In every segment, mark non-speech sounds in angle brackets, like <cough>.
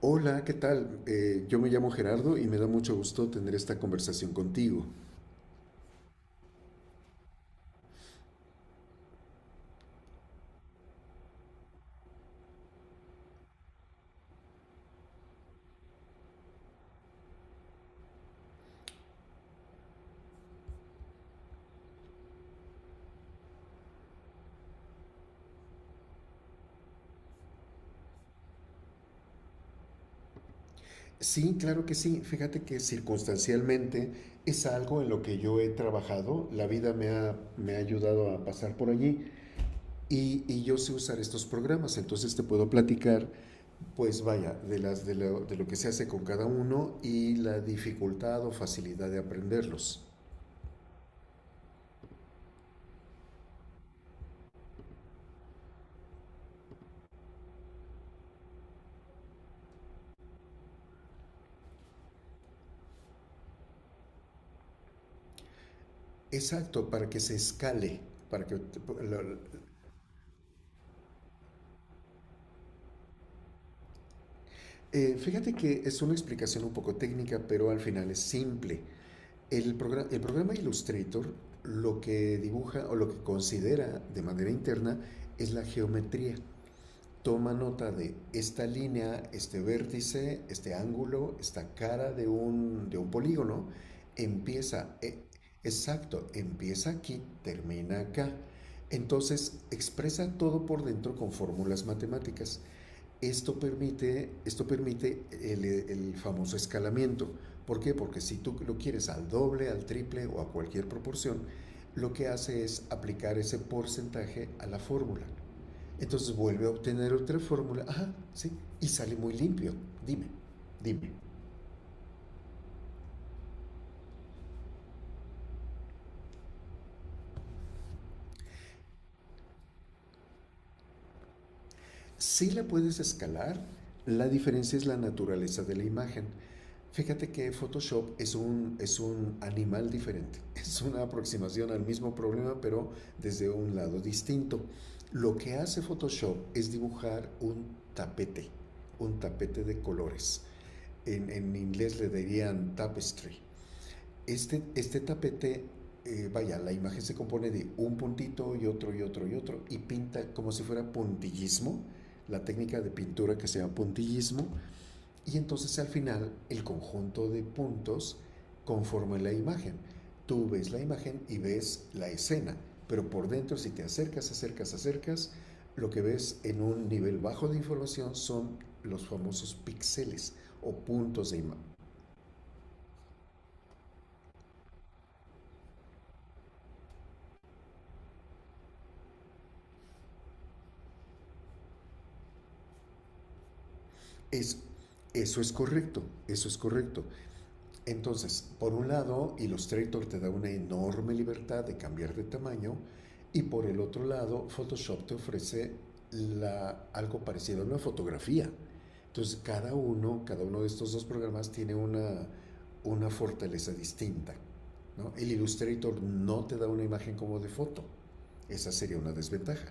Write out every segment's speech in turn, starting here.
Hola, ¿qué tal? Yo me llamo Gerardo y me da mucho gusto tener esta conversación contigo. Sí, claro que sí. Fíjate que circunstancialmente es algo en lo que yo he trabajado. La vida me ha ayudado a pasar por allí y yo sé usar estos programas. Entonces te puedo platicar, pues vaya, de lo que se hace con cada uno y la dificultad o facilidad de aprenderlos. Exacto, para que se escale. Para que te- la- Fíjate que es una explicación un poco técnica, pero al final es simple. El programa Illustrator lo que dibuja o lo que considera de manera interna es la geometría. Toma nota de esta línea, este vértice, este ángulo, esta cara de un polígono. Empieza, eh, exacto, empieza aquí, termina acá. Entonces expresa todo por dentro con fórmulas matemáticas. Esto permite el famoso escalamiento. ¿Por qué? Porque si tú lo quieres al doble, al triple o a cualquier proporción, lo que hace es aplicar ese porcentaje a la fórmula. Entonces vuelve a obtener otra fórmula, ajá, sí, y sale muy limpio. Dime, dime. Si la puedes escalar, la diferencia es la naturaleza de la imagen. Fíjate que Photoshop es un animal diferente, <laughs> es una aproximación al mismo problema, pero desde un lado distinto. Lo que hace Photoshop es dibujar tapete, un tapete de colores. En inglés le dirían tapestry. Este tapete, vaya, la imagen se compone de un puntito y otro y otro y otro, y pinta como si fuera puntillismo, la técnica de pintura que se llama puntillismo y entonces al final el conjunto de puntos conforma la imagen. Tú ves la imagen y ves la escena, pero por dentro si te acercas, acercas, acercas, lo que ves en un nivel bajo de información son los famosos píxeles o puntos de imagen. Es, Eso es correcto, eso es correcto. Entonces, por un lado, Illustrator te da una enorme libertad de cambiar de tamaño y por el otro lado, Photoshop te ofrece algo parecido a una fotografía. Entonces, cada uno de estos dos programas tiene una fortaleza distinta. ¿No? El Illustrator no te da una imagen como de foto. Esa sería una desventaja.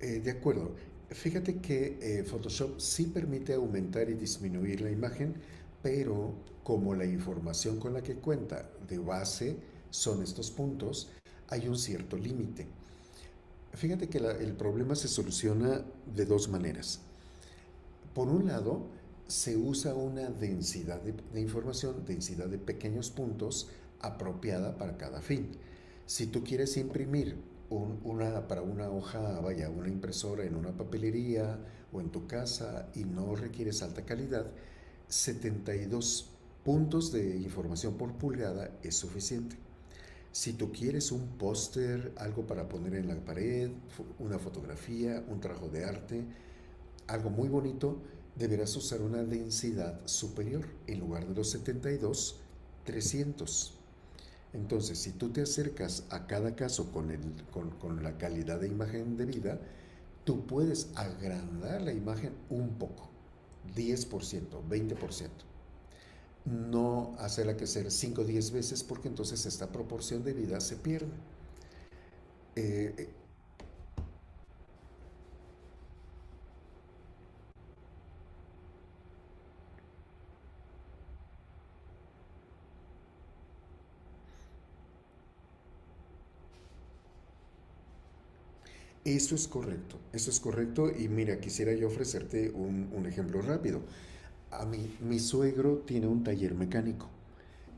De acuerdo. Fíjate que Photoshop sí permite aumentar y disminuir la imagen, pero como la información con la que cuenta de base son estos puntos, hay un cierto límite. Fíjate que el problema se soluciona de dos maneras. Por un lado, se usa una densidad de información, densidad de pequeños puntos apropiada para cada fin. Si tú quieres imprimir para una hoja, vaya, una impresora en una papelería o en tu casa y no requieres alta calidad, 72 puntos de información por pulgada es suficiente. Si tú quieres un póster, algo para poner en la pared, una fotografía, un trabajo de arte, algo muy bonito, deberás usar una densidad superior en lugar de los 72, 300. Entonces, si tú te acercas a cada caso con la calidad de imagen de vida, tú puedes agrandar la imagen un poco, 10%, 20%. No hacerla crecer 5 o 10 veces porque entonces esta proporción de vida se pierde. Eh, Eso es correcto, eso es correcto y mira, quisiera yo ofrecerte un ejemplo rápido. A mí, mi suegro tiene un taller mecánico.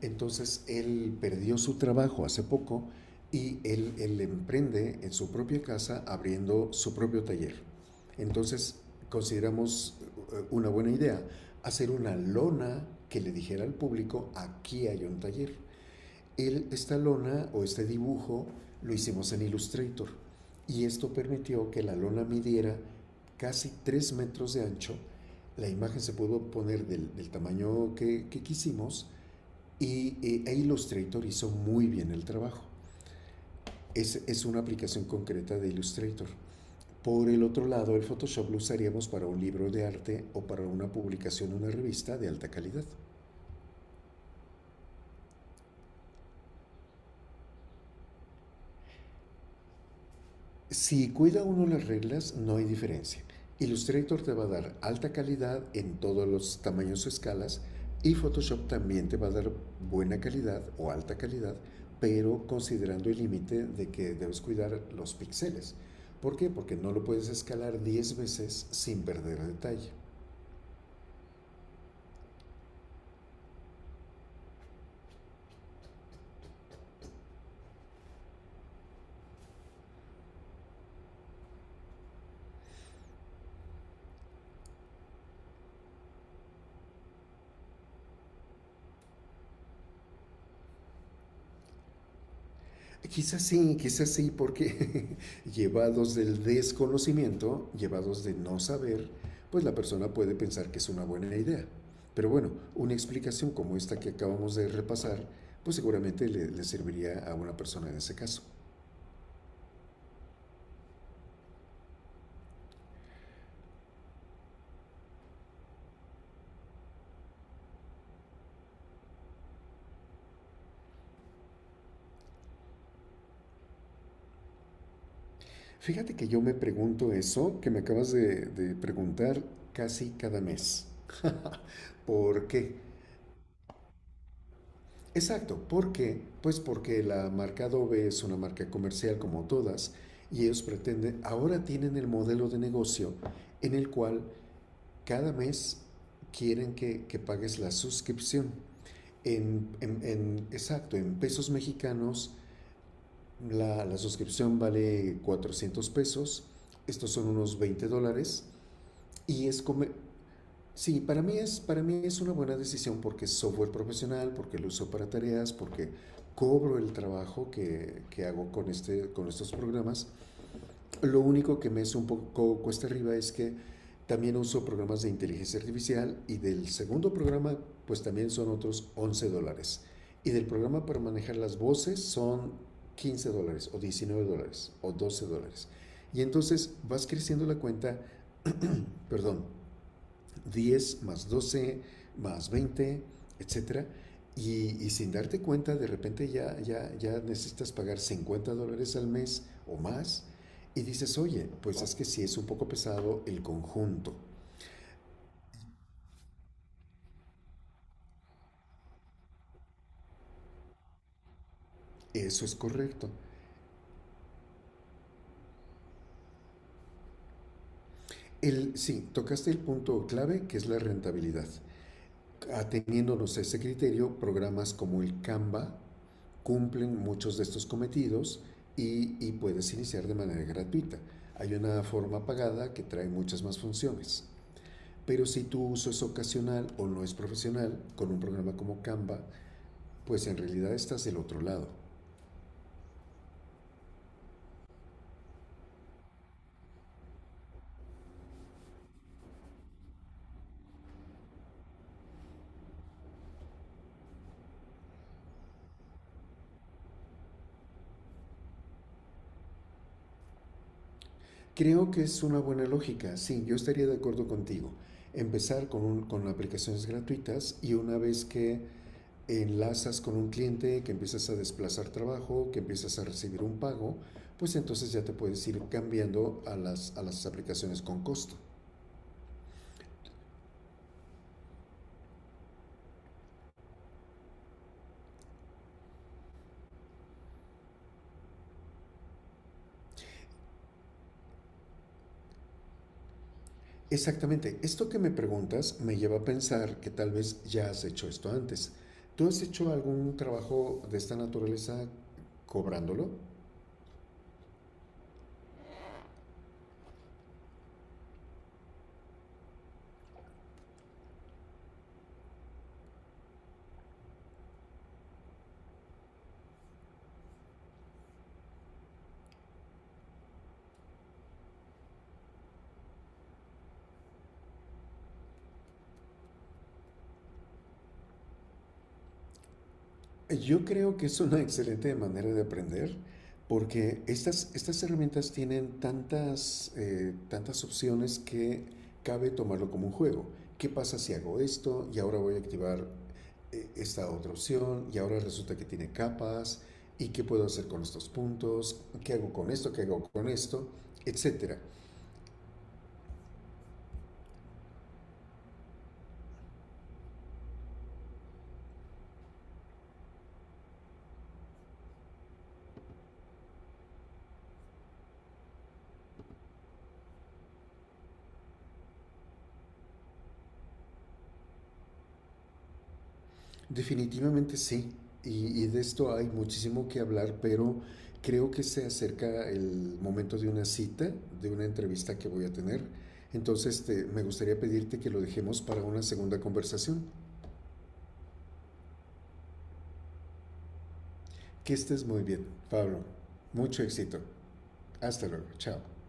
Entonces él perdió su trabajo hace poco y él emprende en su propia casa abriendo su propio taller. Entonces consideramos una buena idea hacer una lona que le dijera al público, aquí hay un taller. El esta lona o este dibujo lo hicimos en Illustrator y esto permitió que la lona midiera casi 3 metros de ancho. La imagen se pudo poner del tamaño quisimos y e Illustrator hizo muy bien el trabajo. Es una aplicación concreta de Illustrator. Por el otro lado, el Photoshop lo usaríamos para un libro de arte o para una publicación, en una revista de alta calidad. Si cuida uno las reglas, no hay diferencia. Illustrator te va a dar alta calidad en todos los tamaños o escalas y Photoshop también te va a dar buena calidad o alta calidad, pero considerando el límite de que debes cuidar los píxeles. ¿Por qué? Porque no lo puedes escalar 10 veces sin perder detalle. Quizás sí, porque <laughs> llevados del desconocimiento, llevados de no saber, pues la persona puede pensar que es una buena idea. Pero bueno, una explicación como esta que acabamos de repasar, pues seguramente le serviría a una persona en ese caso. Fíjate que yo me pregunto eso que me acabas de preguntar casi cada mes. <laughs> ¿Por qué? Exacto, ¿por qué? Pues porque la marca Adobe es una marca comercial como todas y ellos pretenden, ahora tienen el modelo de negocio en el cual cada mes quieren que pagues la suscripción. Exacto, en pesos mexicanos la suscripción vale 400 pesos, estos son unos 20 dólares. y es come- Sí, para mí es una buena decisión porque es software profesional, porque lo uso para tareas, porque cobro el trabajo que hago con estos programas. Lo único que me es un poco cuesta arriba es que también uso programas de inteligencia artificial y del segundo programa pues también son otros 11 dólares. Y del programa para manejar las voces son 15 dólares o 19 dólares o 12 dólares. Y entonces vas creciendo la cuenta, perdón, 10 más 12 más 20, etcétera. Sin darte cuenta, de repente ya, ya, ya necesitas pagar 50 dólares al mes o más. Y dices, oye, pues es que sí es un poco pesado el conjunto. Eso es correcto. Sí, tocaste el punto clave que es la rentabilidad. Ateniéndonos a este criterio, programas como el Canva cumplen muchos de estos cometidos y puedes iniciar de manera gratuita. Hay una forma pagada que trae muchas más funciones. Pero si tu uso es ocasional o no es profesional, con un programa como Canva, pues en realidad estás del otro lado. Creo que es una buena lógica, sí, yo estaría de acuerdo contigo empezar aplicaciones gratuitas y una vez que enlazas con un cliente, que empiezas a desplazar trabajo, que empiezas a recibir un pago, pues entonces ya te puedes ir cambiando a las aplicaciones con costo. Exactamente, esto que me preguntas me lleva a pensar que tal vez ya has hecho esto antes. ¿Tú has hecho algún trabajo de esta naturaleza cobrándolo? Yo creo que es una excelente manera de aprender porque estas herramientas tienen tantas opciones que cabe tomarlo como un juego. ¿Qué pasa si hago esto y ahora voy a activar esta otra opción y ahora resulta que tiene capas? ¿Y qué puedo hacer con estos puntos? ¿Qué hago con esto? ¿Qué hago con esto? Etcétera. Definitivamente sí, y de esto hay muchísimo que hablar, pero creo que se acerca el momento de una cita, de una entrevista que voy a tener. Entonces me gustaría pedirte que lo dejemos para una segunda conversación. Que estés muy bien, Pablo. Mucho éxito. Hasta luego. Chao.